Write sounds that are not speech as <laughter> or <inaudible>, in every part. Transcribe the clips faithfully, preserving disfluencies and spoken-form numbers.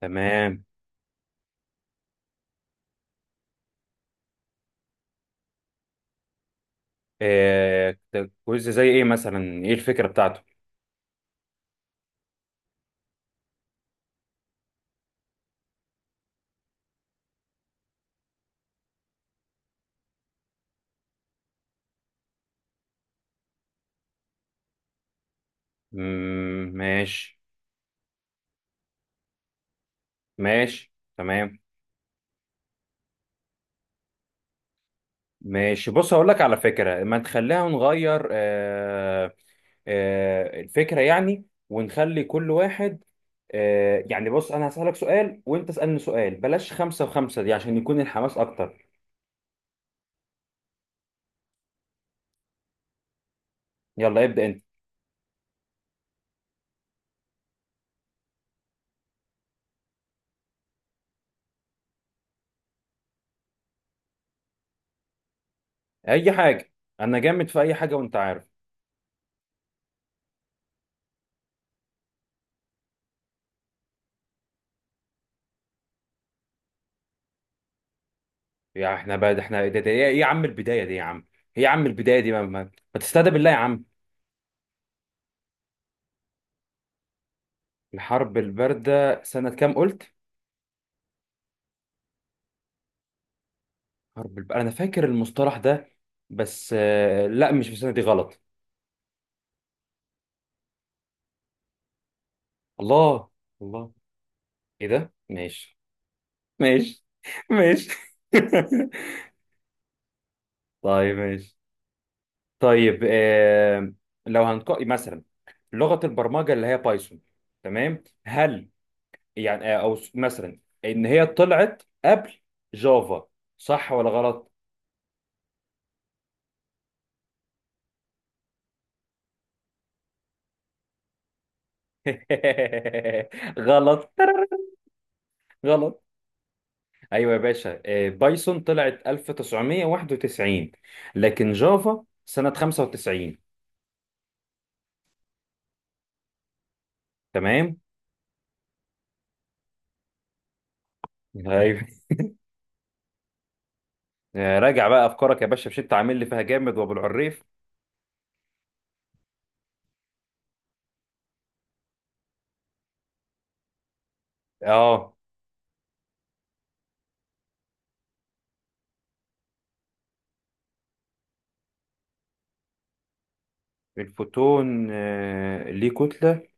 تمام. إيه ده؟ كويز زي ايه مثلا؟ ايه الفكرة بتاعته؟ مم، ماشي. ماشي تمام. ماشي، بص هقول لك على فكرة، ما تخليها نغير. آه آه الفكرة يعني، ونخلي كل واحد. آه يعني بص، انا هسألك سؤال وانت اسألني سؤال، بلاش خمسة وخمسة دي عشان يكون الحماس اكتر. يلا ابدأ انت. اي حاجة. انا جامد في اي حاجة وانت عارف. يا احنا بقى ده احنا ده ده ايه يا عم البداية دي يا عم؟ ايه يا عم البداية دي ما, ما ما تستهدى بالله يا عم. الحرب الباردة سنة كام قلت؟ حرب الباردة أنا فاكر المصطلح ده، بس آه، لا، مش في السنة دي، غلط. الله. الله. إيه ده؟ ماشي. ماشي <laughs> ماشي. <laughs> طيب ماشي. طيب، آه، لو هنقول مثلا لغة البرمجة اللي هي بايثون، تمام، هل يعني آه، أو س- مثلا إن هي طلعت قبل جافا، صح ولا غلط؟ <laughs> غلط. غلط. ايوه يا باشا، آه، بايثون طلعت ألف وتسعمية وواحد وتسعين، لكن جافا سنة خمسة وتسعين. تمام. ايوه. <laughs> آه، راجع بقى افكارك يا باشا، مش انت عامل لي فيها جامد وابو العريف. اه الفوتون، آه، ليه كتلة؟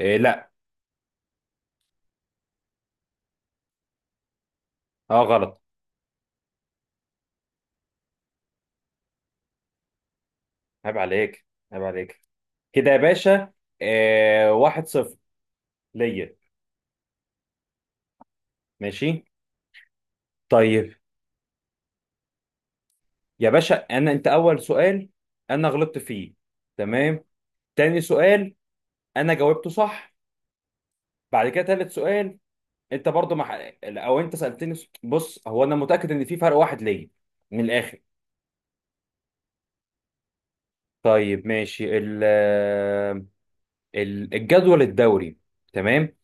آه، لا. اه غلط. عيب عليك. عيب عليك كده يا باشا. آه، واحد صفر ليا. ماشي. طيب يا باشا، انا انت اول سؤال انا غلطت فيه، تمام، تاني سؤال انا جاوبته صح، بعد كده تالت سؤال انت برضو مع او انت سالتني س- بص، هو انا متاكد ان في فرق واحد ليا من الاخر. طيب ماشي، ال ال- الجدول الدوري، تمام،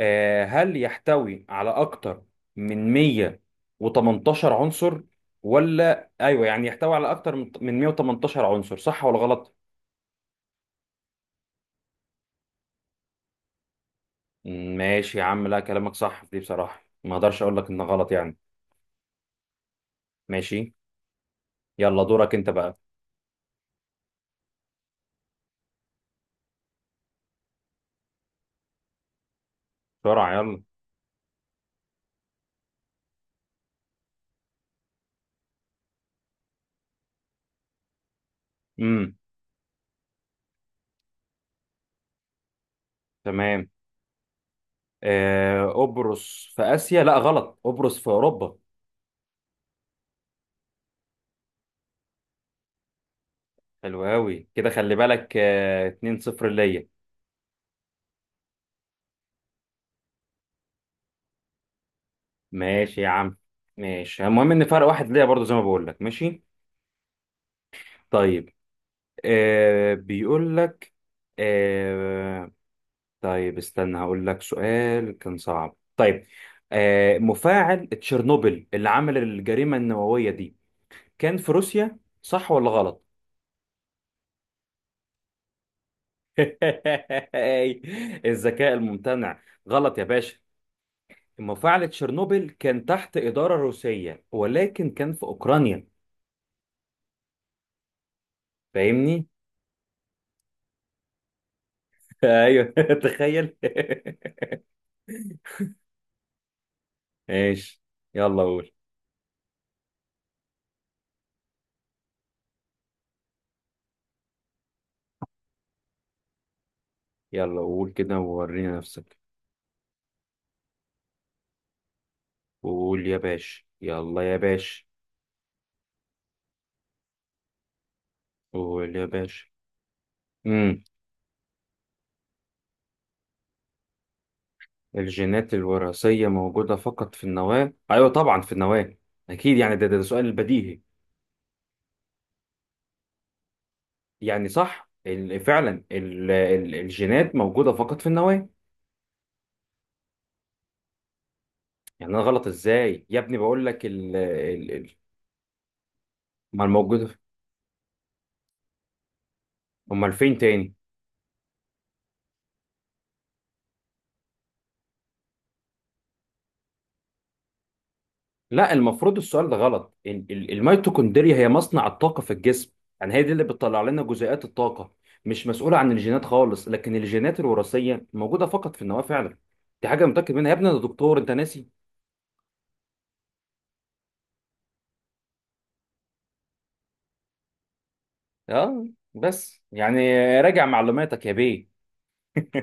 آه، هل يحتوي على اكتر من مية وتمنتاشر عنصر ولا ايوه، يعني يحتوي على اكتر من من مية وتمنتاشر عنصر، صح ولا غلط؟ ماشي يا عم، لا كلامك صح في دي بصراحه، ما اقدرش اقول لك ان غلط يعني. ماشي. يلا دورك انت بقى. بسرعه يلا. امم. تمام. آه، قبرص في آسيا؟ لا غلط، قبرص في أوروبا. حلو أوي كده، خلي بالك. آه، اتنين صفر ليا. ماشي يا عم، ماشي، المهم إن فرق واحد ليا برضو زي ما بقول لك. ماشي. طيب آه بيقول لك، آه طيب استنى هقول لك سؤال كان صعب. طيب، آه مفاعل تشيرنوبل اللي عمل الجريمة النووية دي كان في روسيا، صح ولا غلط؟ <laughs> الذكاء الممتنع. غلط يا باشا، مفاعل تشيرنوبل كان تحت إدارة روسية ولكن كان في أوكرانيا. فاهمني؟ <laughs> أيوه. <laughs> تخيل. <laughs> ماشي. يلا قول. يلا قول كده وورينا نفسك، قول يا باشا، يلا يا باشا، قول يا باشا. امم. الجينات الوراثية موجودة فقط في النواة؟ أيوه طبعا في النواة، أكيد يعني، ده ده, ده سؤال بديهي، يعني صح، ال- فعلا ال- ال- الجينات موجودة فقط في النواة. يعني أنا غلط إزاي يا ابني؟ بقول لك. امال موجوده في- امال فين تاني؟ لا المفروض السؤال ده غلط، ال- ال- الميتوكوندريا هي مصنع الطاقه في الجسم، يعني هي دي اللي بتطلع لنا جزيئات الطاقه، مش مسؤوله عن الجينات خالص، لكن الجينات الوراثيه موجوده فقط في النواه فعلا. دي حاجه متاكد منها يا ابني، انا دكتور انت ناسي. اه بس يعني راجع معلوماتك يا بيه. <laughs>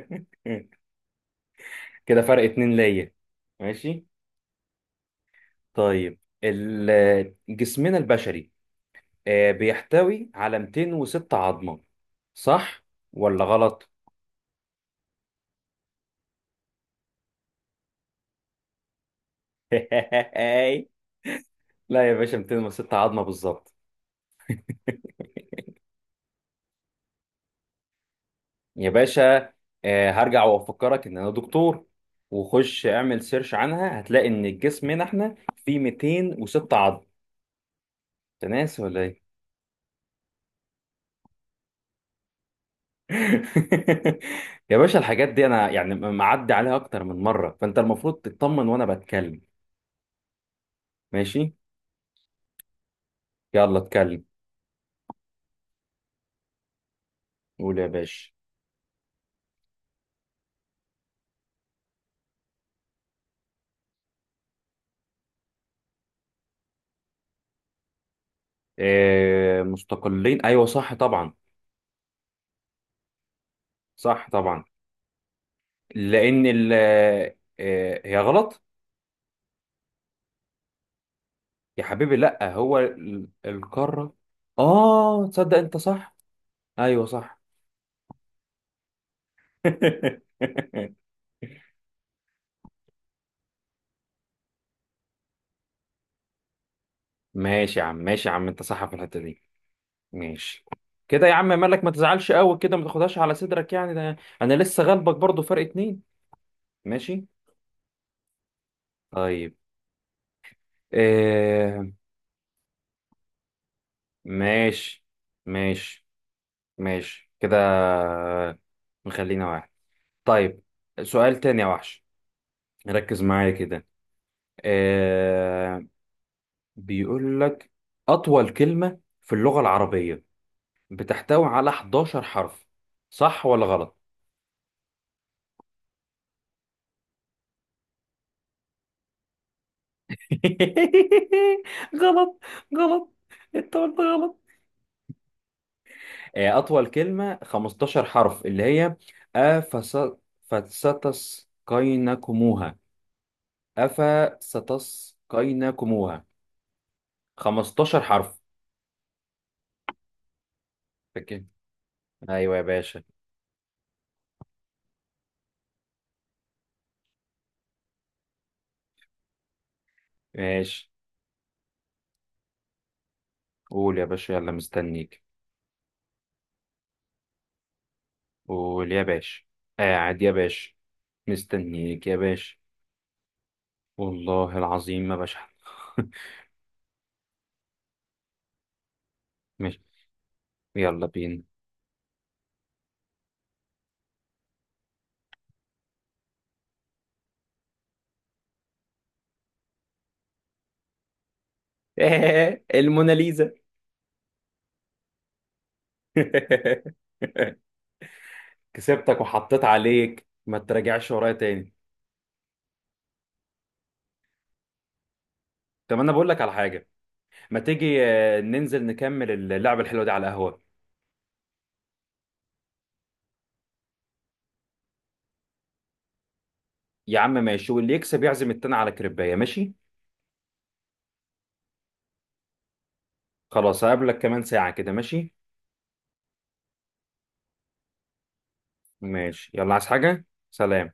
كده فرق اتنين ليا. ماشي. طيب ال- جسمنا البشري آه، بيحتوي على ميتين وستة عظمه، صح ولا غلط؟ <laughs> لا يا باشا، ميتين وستة عظمه بالظبط. يا باشا آه، هرجع وافكرك ان انا دكتور، وخش اعمل سيرش عنها هتلاقي ان الجسم هنا احنا فيه ميتين وستة عظم، انت ناسي ولا ايه؟ <laughs> يا باشا، الحاجات دي انا يعني م- معدي عليها اكتر من مره، فانت المفروض تطمن وانا بتكلم. ماشي. يلا اتكلم. قول يا باشا. آه، مستقلين، ايوه صح طبعا. صح طبعا. لان ال... آه، هي غلط. يا حبيبي لا، هو ال- القارة، اه تصدق انت صح، ايوه صح. <laughs> ماشي يا عم، ماشي يا عم، انت صح في الحتة دي. ماشي. كده يا عم مالك؟ ما تزعلش قوي كده، ما تاخدهاش على صدرك يعني، ده انا لسه غلبك برضو فرق اتنين. ماشي. طيب. آه ماشي، ماشي، ماشي كده، نخلينا واحد. طيب، سؤال تاني يا وحش، ركز معايا كده. آه، بيقول لك أطول كلمة في اللغة العربية بتحتوي على حداشر حرف، صح ولا غلط؟ <laughs> غلط. غلط. انت قلت غلط. آه، أطول كلمة خمستاشر حرف، اللي هي أفس فستسقينكموها، أفستسقينكموها. خمستاشر حرف، فاكر؟ أيوة يا باشا. ماشي. قول يا باشا يلا، مستنيك. قول يا باشا. قاعد يا باشا. مستنيك يا باشا. والله العظيم ما بشحن. <laughs> ماشي. يلا بينا. <laughs> الموناليزا. <laughs> كسبتك وحطيت عليك، ما تراجعش ورايا تاني. طب انا بقول لك على حاجه، ما تيجي آه، ننزل نكمل اللعبه الحلوه دي على القهوه؟ يا عم ماشي، واللي يكسب يعزم التاني على كريبايه، ماشي. خلاص، هقابلك كمان ساعه كده، ماشي. ماشي، يلا، عايز حاجه؟ سلام.